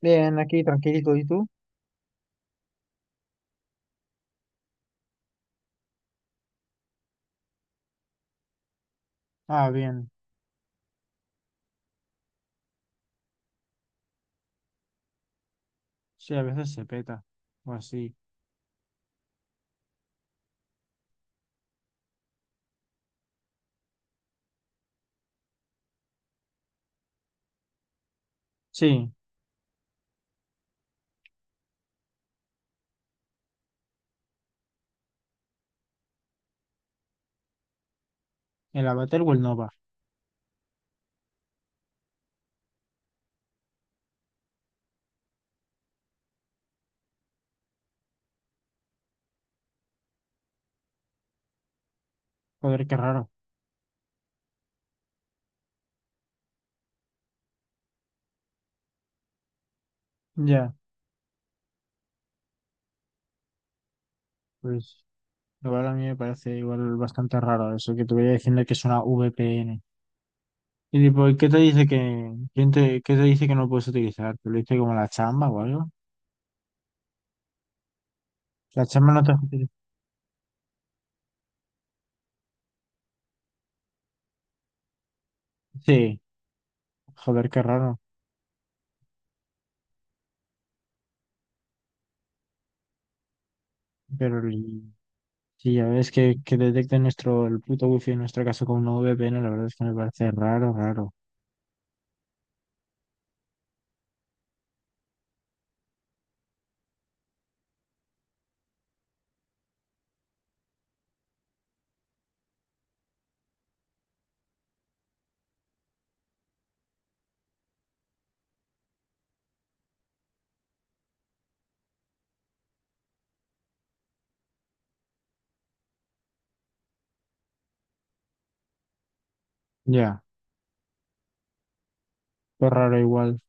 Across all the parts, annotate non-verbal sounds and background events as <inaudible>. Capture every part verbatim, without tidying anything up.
Bien, aquí tranquilito, ¿y tú? Ah, bien. Sí, a veces se peta. O así. Sí, el Avatar o el Nova. Joder, qué raro. Ya, pues igual a mí me parece igual bastante raro eso que te voy a diciendo que es una V P N. Y tipo, ¿y qué te dice que, quién te, qué te dice que no puedes utilizar? ¿Te lo dice como la chamba o algo? La chamba no te deja utilizar. Sí, joder, qué raro. Pero el- sí, ya ves que, que detecten nuestro, el puto wifi en nuestro caso con una V P N, la verdad es que me parece raro, raro. Ya, pues raro igual.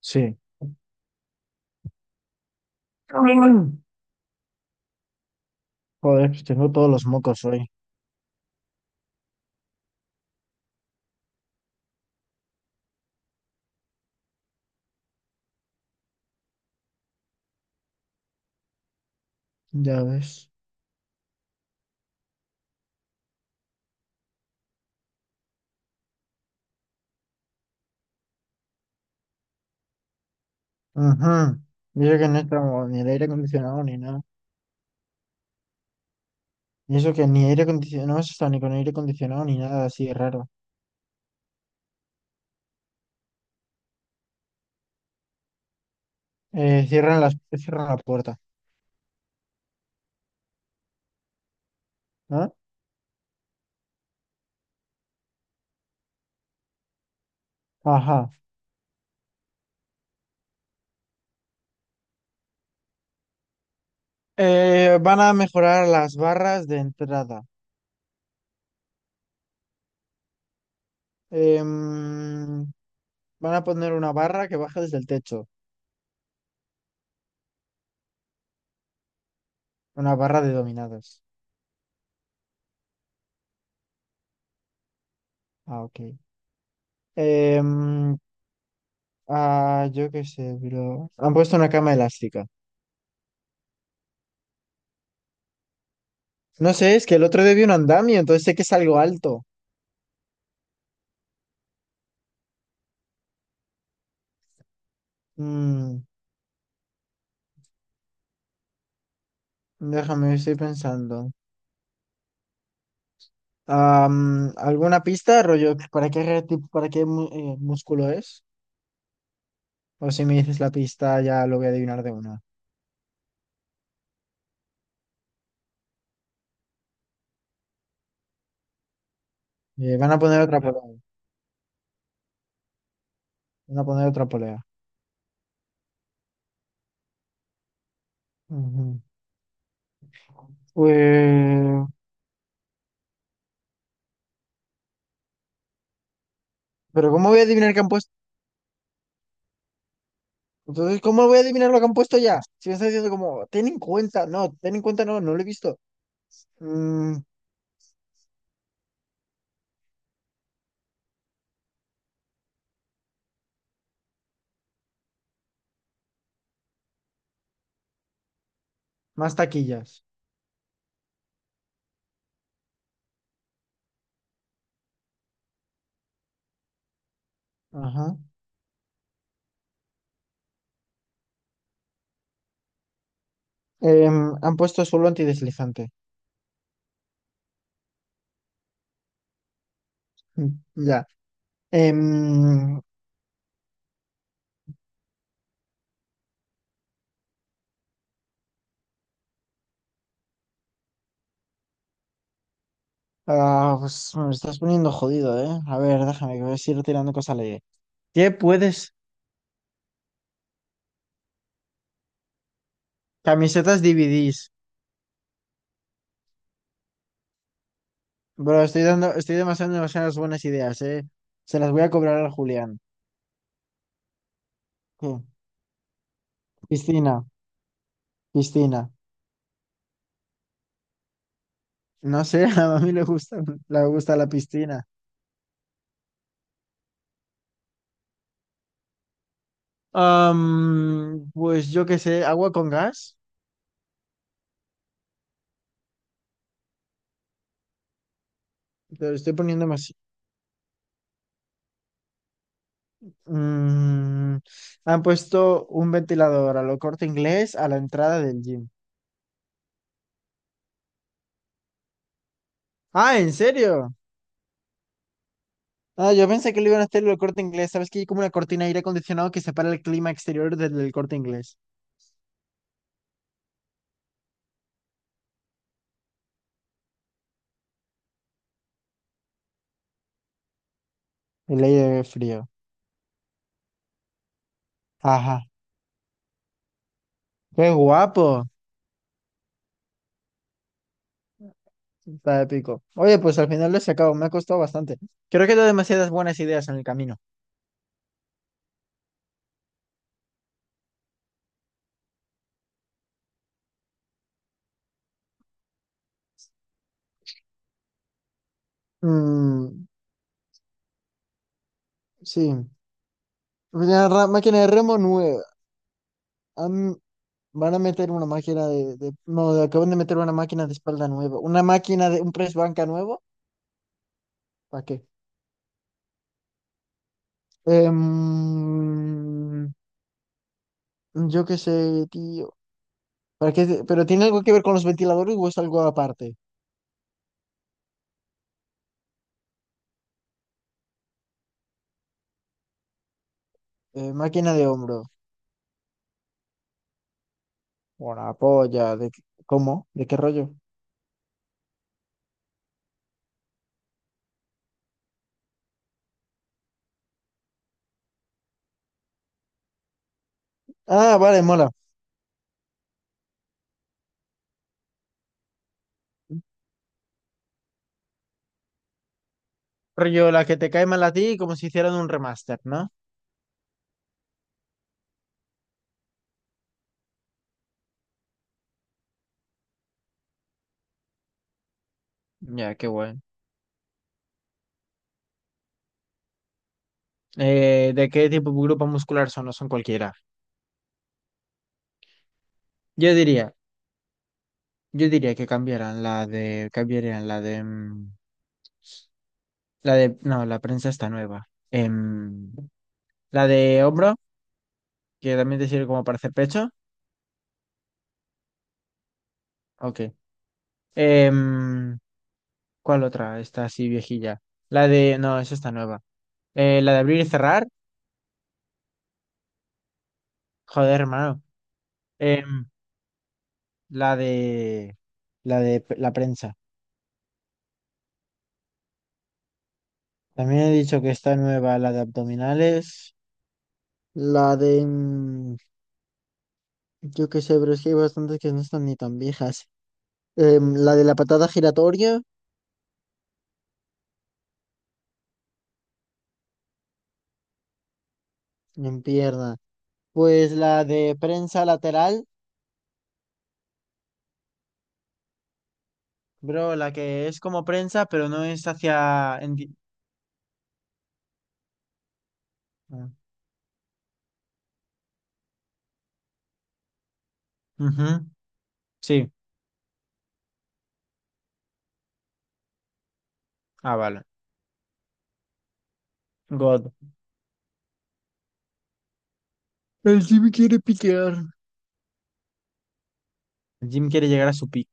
Sí. Mm. Joder, pues tengo todos los mocos hoy. Ya ves. Ajá. Y eso que no estamos ni el aire acondicionado ni nada. Y eso que ni aire acondicionado, no hemos estado ni con aire acondicionado ni nada así de raro. Eh, cierran las, cierran la puerta, ¿no? Ajá. Eh, van a mejorar las barras de entrada. Em, Van a poner una barra que baja desde el techo. Una barra de dominadas. Ah, ok. Em, ah, yo qué sé, bro. Han puesto una cama elástica. No sé, es que el otro día vi un andamio, entonces sé que es algo alto. Mm, déjame, estoy pensando. Am, ¿alguna pista, rollo? ¿Para qué, re- tipo- para qué mu- eh, músculo es? O si me dices la pista, ya lo voy a adivinar de una. Eh, van a poner otra polea. Van a poner otra polea. Ujú. Eh, pero ¿cómo voy a adivinar que han puesto? Entonces, ¿cómo voy a adivinar lo que han puesto ya? Si me estás diciendo como, ten en cuenta, no, ten en cuenta, no, no lo he visto. Mm, más taquillas. Ajá. Em, han puesto suelo antideslizante. Ya. Em, ah, pues me estás poniendo jodido, ¿eh? A ver, déjame que voy a ir tirando cosas a la idea. ¿Qué puedes? Camisetas D V Ds. Bro, estoy dando, estoy demasiado, demasiadas buenas ideas, ¿eh? Se las voy a cobrar al Julián. Sí. Piscina, piscina. No sé, <laughs> a mí le gusta, le gusta la piscina. Am, pues yo qué sé, agua con gas. Te lo estoy poniendo más. Mm, han puesto un ventilador a lo Corte Inglés a la entrada del gym. Ah, ¿en serio? Ah, yo pensé que lo iban a hacer el Corte Inglés. ¿Sabes que hay como una cortina de aire acondicionado que separa el clima exterior del, del Corte Inglés? El aire frío. Ajá. Qué guapo. Está épico. Oye, pues al final lo he sacado. Me ha costado bastante. Creo que he dado demasiadas buenas ideas en el camino. Mm, sí. Una ra- máquina de remo nueva. Am- van a meter una máquina de, de- No, de- Acaban de meter una máquina de espalda nueva. Una máquina de un press banca nuevo. ¿Para qué? Em, Yo qué sé, tío. ¿Para qué te- ¿Pero tiene algo que ver con los ventiladores o es algo aparte? Eh, máquina de hombro. Una polla. ¿De qué- ¿Cómo? ¿De qué rollo? Ah, vale, mola. Rollo, la que te cae mal a ti, como si hicieran un remaster, ¿no? Ya, qué bueno. Eh, ¿de qué tipo de grupo muscular son? No son cualquiera. Yo diría, yo diría que cambiaran la de, cambiarían la de, mm, la de, no, la prensa está nueva. Em, la de hombro, que también te sirve como para hacer pecho. Ok. Em, ¿Cuál otra? Está así viejilla. La de. No, esa está nueva. Eh, la de abrir y cerrar. Joder, hermano. Em, la de. La de p- la prensa. También he dicho que está nueva la de abdominales. La de. Mm, yo qué sé, pero es que hay bastantes que no están ni tan viejas. Em, la de la patada giratoria. En pierna. Pues la de prensa lateral. Bro, la que es como prensa, pero no es hacia. en di- Ah, ujú, sí. Ah, vale. God. El Jimmy quiere piquear. Jim quiere llegar a su pico.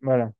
Bueno,